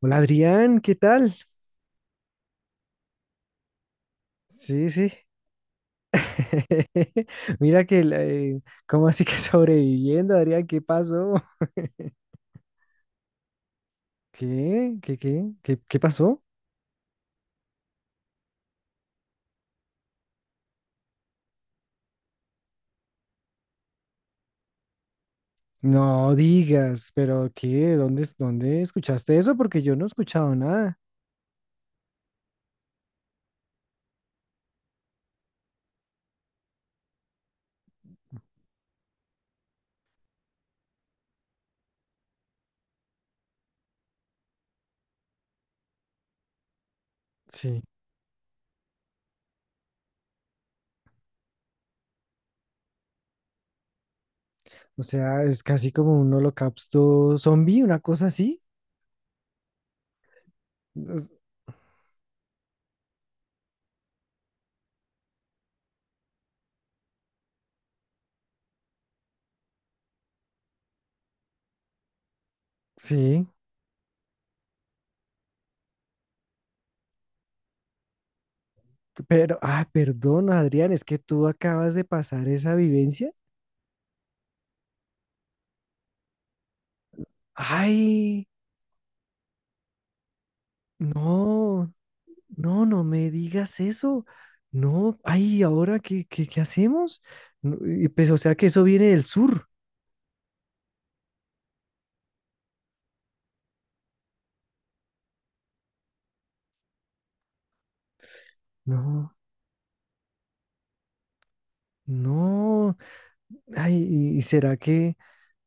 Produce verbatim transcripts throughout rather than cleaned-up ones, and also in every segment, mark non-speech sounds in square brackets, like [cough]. Hola Adrián, ¿qué tal? Sí, sí. [laughs] Mira que, la- eh, ¿cómo así que [laughs] sobreviviendo, Adrián? ¿Qué pasó? [laughs] ¿Qué? ¿Qué, qué? ¿Qué, qué pasó? No digas, pero ¿qué? ¿Dónde, es- ¿dónde escuchaste eso? Porque yo no he escuchado nada. Sí. O sea, es casi como un holocausto zombie, una cosa así. Es- Sí. Pero, ah, perdón, Adrián, es que tú acabas de pasar esa vivencia. Ay, no. No, no me digas eso. No, ay, ¿ahora qué, qué, qué hacemos? No, y pues, o sea que eso viene del sur. No, no. Ay, ¿y y será que,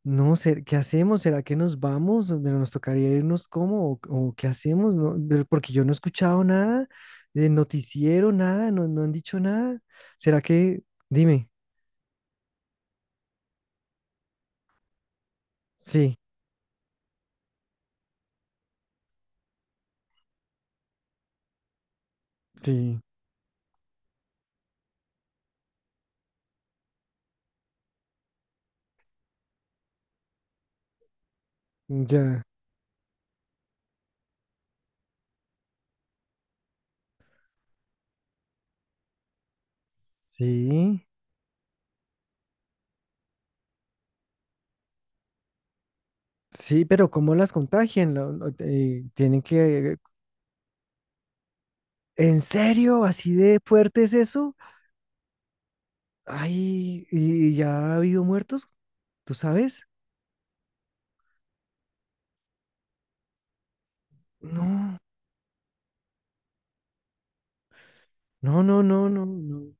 no, sé, qué hacemos? ¿Será que nos vamos? Pero ¿nos tocaría irnos cómo? ¿O, o qué hacemos? No, pero porque yo no he escuchado nada de noticiero, nada, no, no han dicho nada. ¿Será que, dime, sí, sí, ya. Sí, sí, pero ¿cómo las contagian? Lo- lo- eh, tienen que ¿En serio? ¿Así de fuerte es eso? Ay, ¿y ya ha habido muertos? ¿Tú sabes? No, no, no, no, no, no,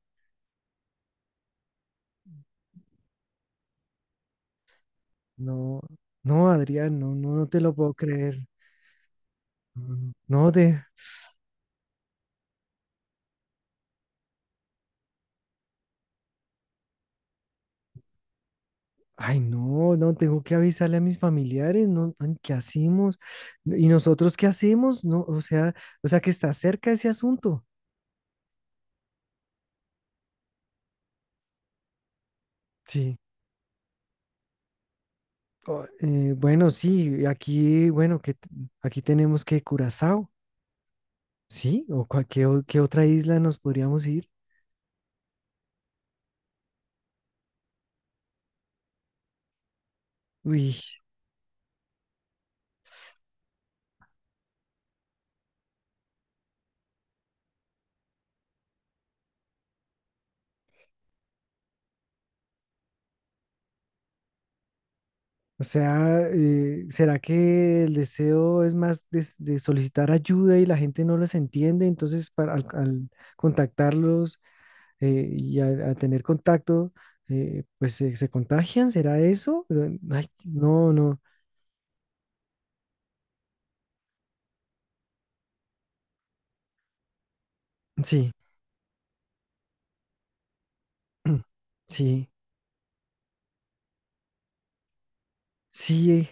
no, no, Adrián, no, no, no te lo puedo creer. No, no te, ay, no, no, tengo que avisarle a mis familiares, no, ay, ¿qué hacemos? ¿Y nosotros qué hacemos? No, o sea, o sea que está cerca ese asunto. Sí. O- eh, bueno, sí, aquí, bueno, que t- aquí tenemos que Curazao. Sí, o cual- qué, o- qué otra isla nos podríamos ir. Uy, o sea, eh, ¿será que el deseo es más de, s- de solicitar ayuda y la gente no los entiende? Entonces, para, al, al contactarlos eh, y a, a tener contacto, eh, pues se, se contagian, ¿será eso? Eh, Ay, no, no, sí, [clears throat] sí, sí,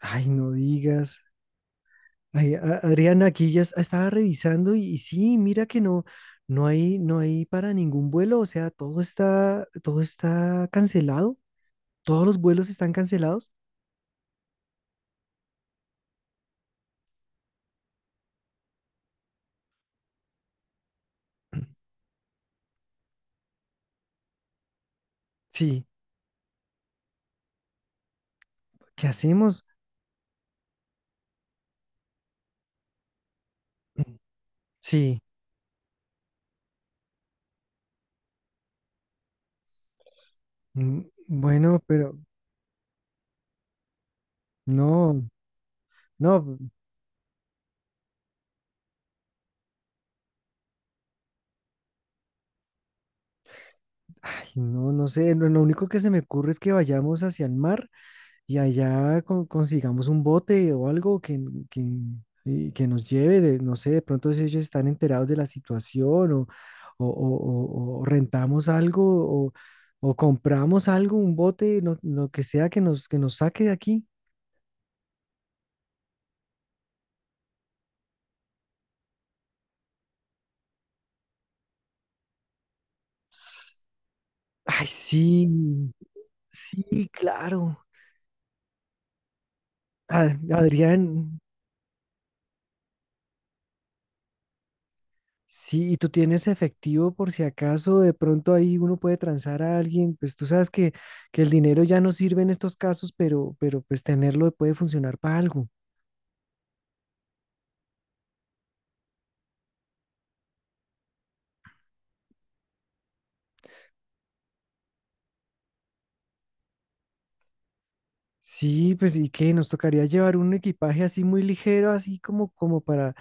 ay, no digas. Ay, a- Adriana, aquí ya es- estaba revisando y, y sí, mira que no, no hay, no hay para ningún vuelo, o sea, todo está, todo está cancelado, todos los vuelos están cancelados. Sí, ¿qué hacemos? Mm, sí, mm, bueno, pero no, no, ay, no, no sé, lo, lo único que se me ocurre es que vayamos hacia el mar y allá con- consigamos un bote o algo que, que, y que nos lleve, de, no sé, de pronto si ellos están enterados de la situación o, o, o- o- o rentamos algo o, o compramos algo, un bote, no- lo que sea que nos, que nos saque de aquí. Ay, sí, sí, claro. A- Adrián, sí, y tú tienes efectivo por si acaso de pronto ahí uno puede transar a alguien, pues tú sabes que, que el dinero ya no sirve en estos casos, pero, pero pues tenerlo puede funcionar para algo. Sí, pues y qué, nos tocaría llevar un equipaje así muy ligero, así como, como para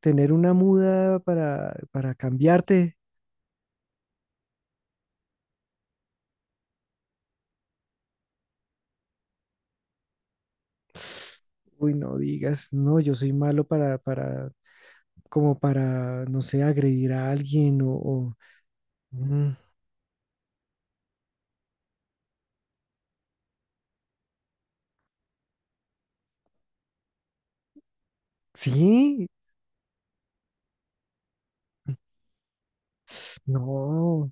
tener una muda para, para cambiarte. [sniffs] Uy, no digas, no, yo soy malo para, para, como para, no sé, agredir a alguien o, o- mm, sí, [sniffs] no,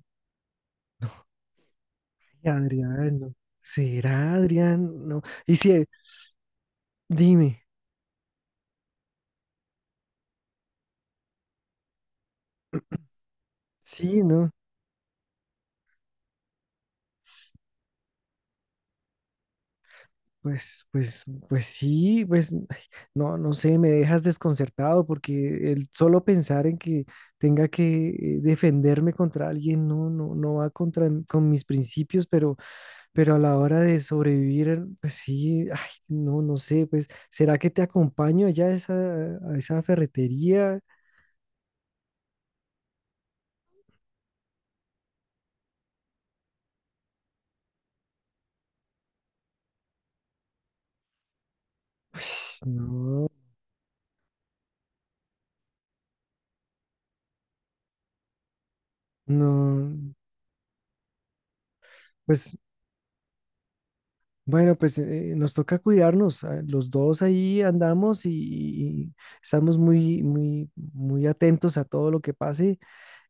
y Adrián, no. ¿Será Adrián? No. Y si, dime, sí, ¿no? Pues, pues, pues sí, pues, ay, no, no sé, me dejas desconcertado porque el solo pensar en que tenga que eh, defenderme contra alguien, no, no, no va contra m- con mis principios, pero, pero a la hora de sobrevivir, pues sí, ay, no, no sé, pues, ¿será que te acompaño allá a esa, a esa ferretería? Pues, no, no. Pues bueno, pues eh, eh, nos toca cuidarnos. Ah, los dos ahí andamos y, y estamos muy, muy, muy atentos a todo lo que pase.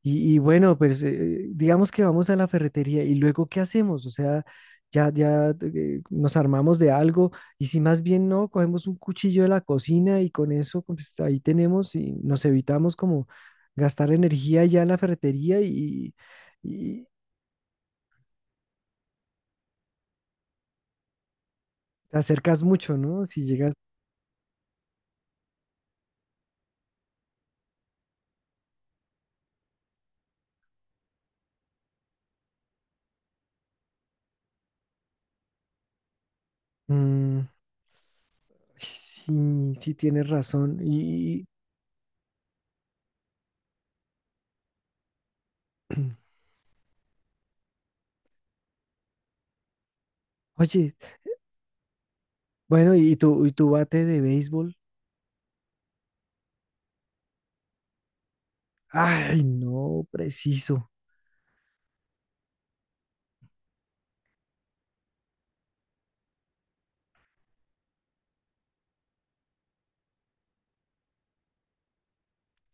Y, y bueno, pues eh, digamos que vamos a la ferretería y luego ¿qué hacemos? O sea, ya, ya eh, nos armamos de algo y si más bien no, cogemos un cuchillo de la cocina y con eso pues, ahí tenemos y nos evitamos como gastar energía ya en la ferretería y, y te acercas mucho, ¿no? Si llegas... Mm, sí, sí tienes razón. Y, [clears throat] oye, bueno, y tu, y tu bate de béisbol. Ay, no, preciso.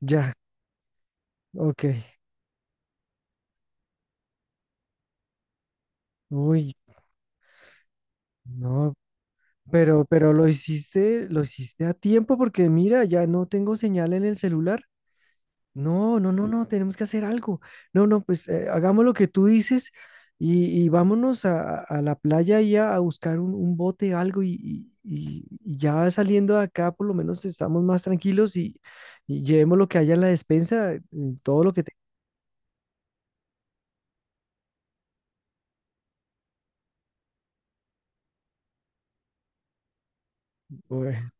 Ya, ok. Uy, no, pero, pero lo hiciste, lo hiciste a tiempo porque mira, ya no tengo señal en el celular. No, no, no, no, tenemos que hacer algo. No, no, pues eh, hagamos lo que tú dices y, y vámonos a, a la playa y a, a buscar un, un bote, algo y, y- y- y ya saliendo de acá por lo menos estamos más tranquilos y, y llevemos lo que haya en la despensa, eh, todo lo que te... Ué,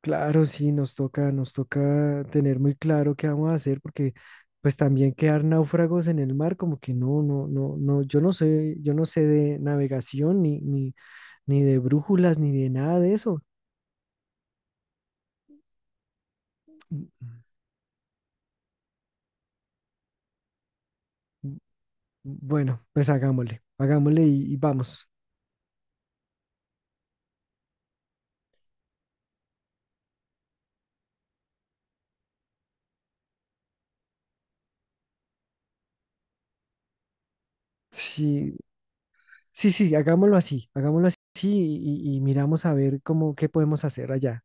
claro, sí, nos toca, nos toca tener muy claro qué vamos a hacer porque pues también quedar náufragos en el mar como que no, no, no, no, yo no sé, yo no sé de navegación ni, ni ni de brújulas, ni de nada de eso. Bueno, pues hagámosle, hagámosle y, y vamos. Sí, sí, sí, hagámoslo así, hagámoslo así y, y- y miramos a ver cómo, qué podemos hacer allá.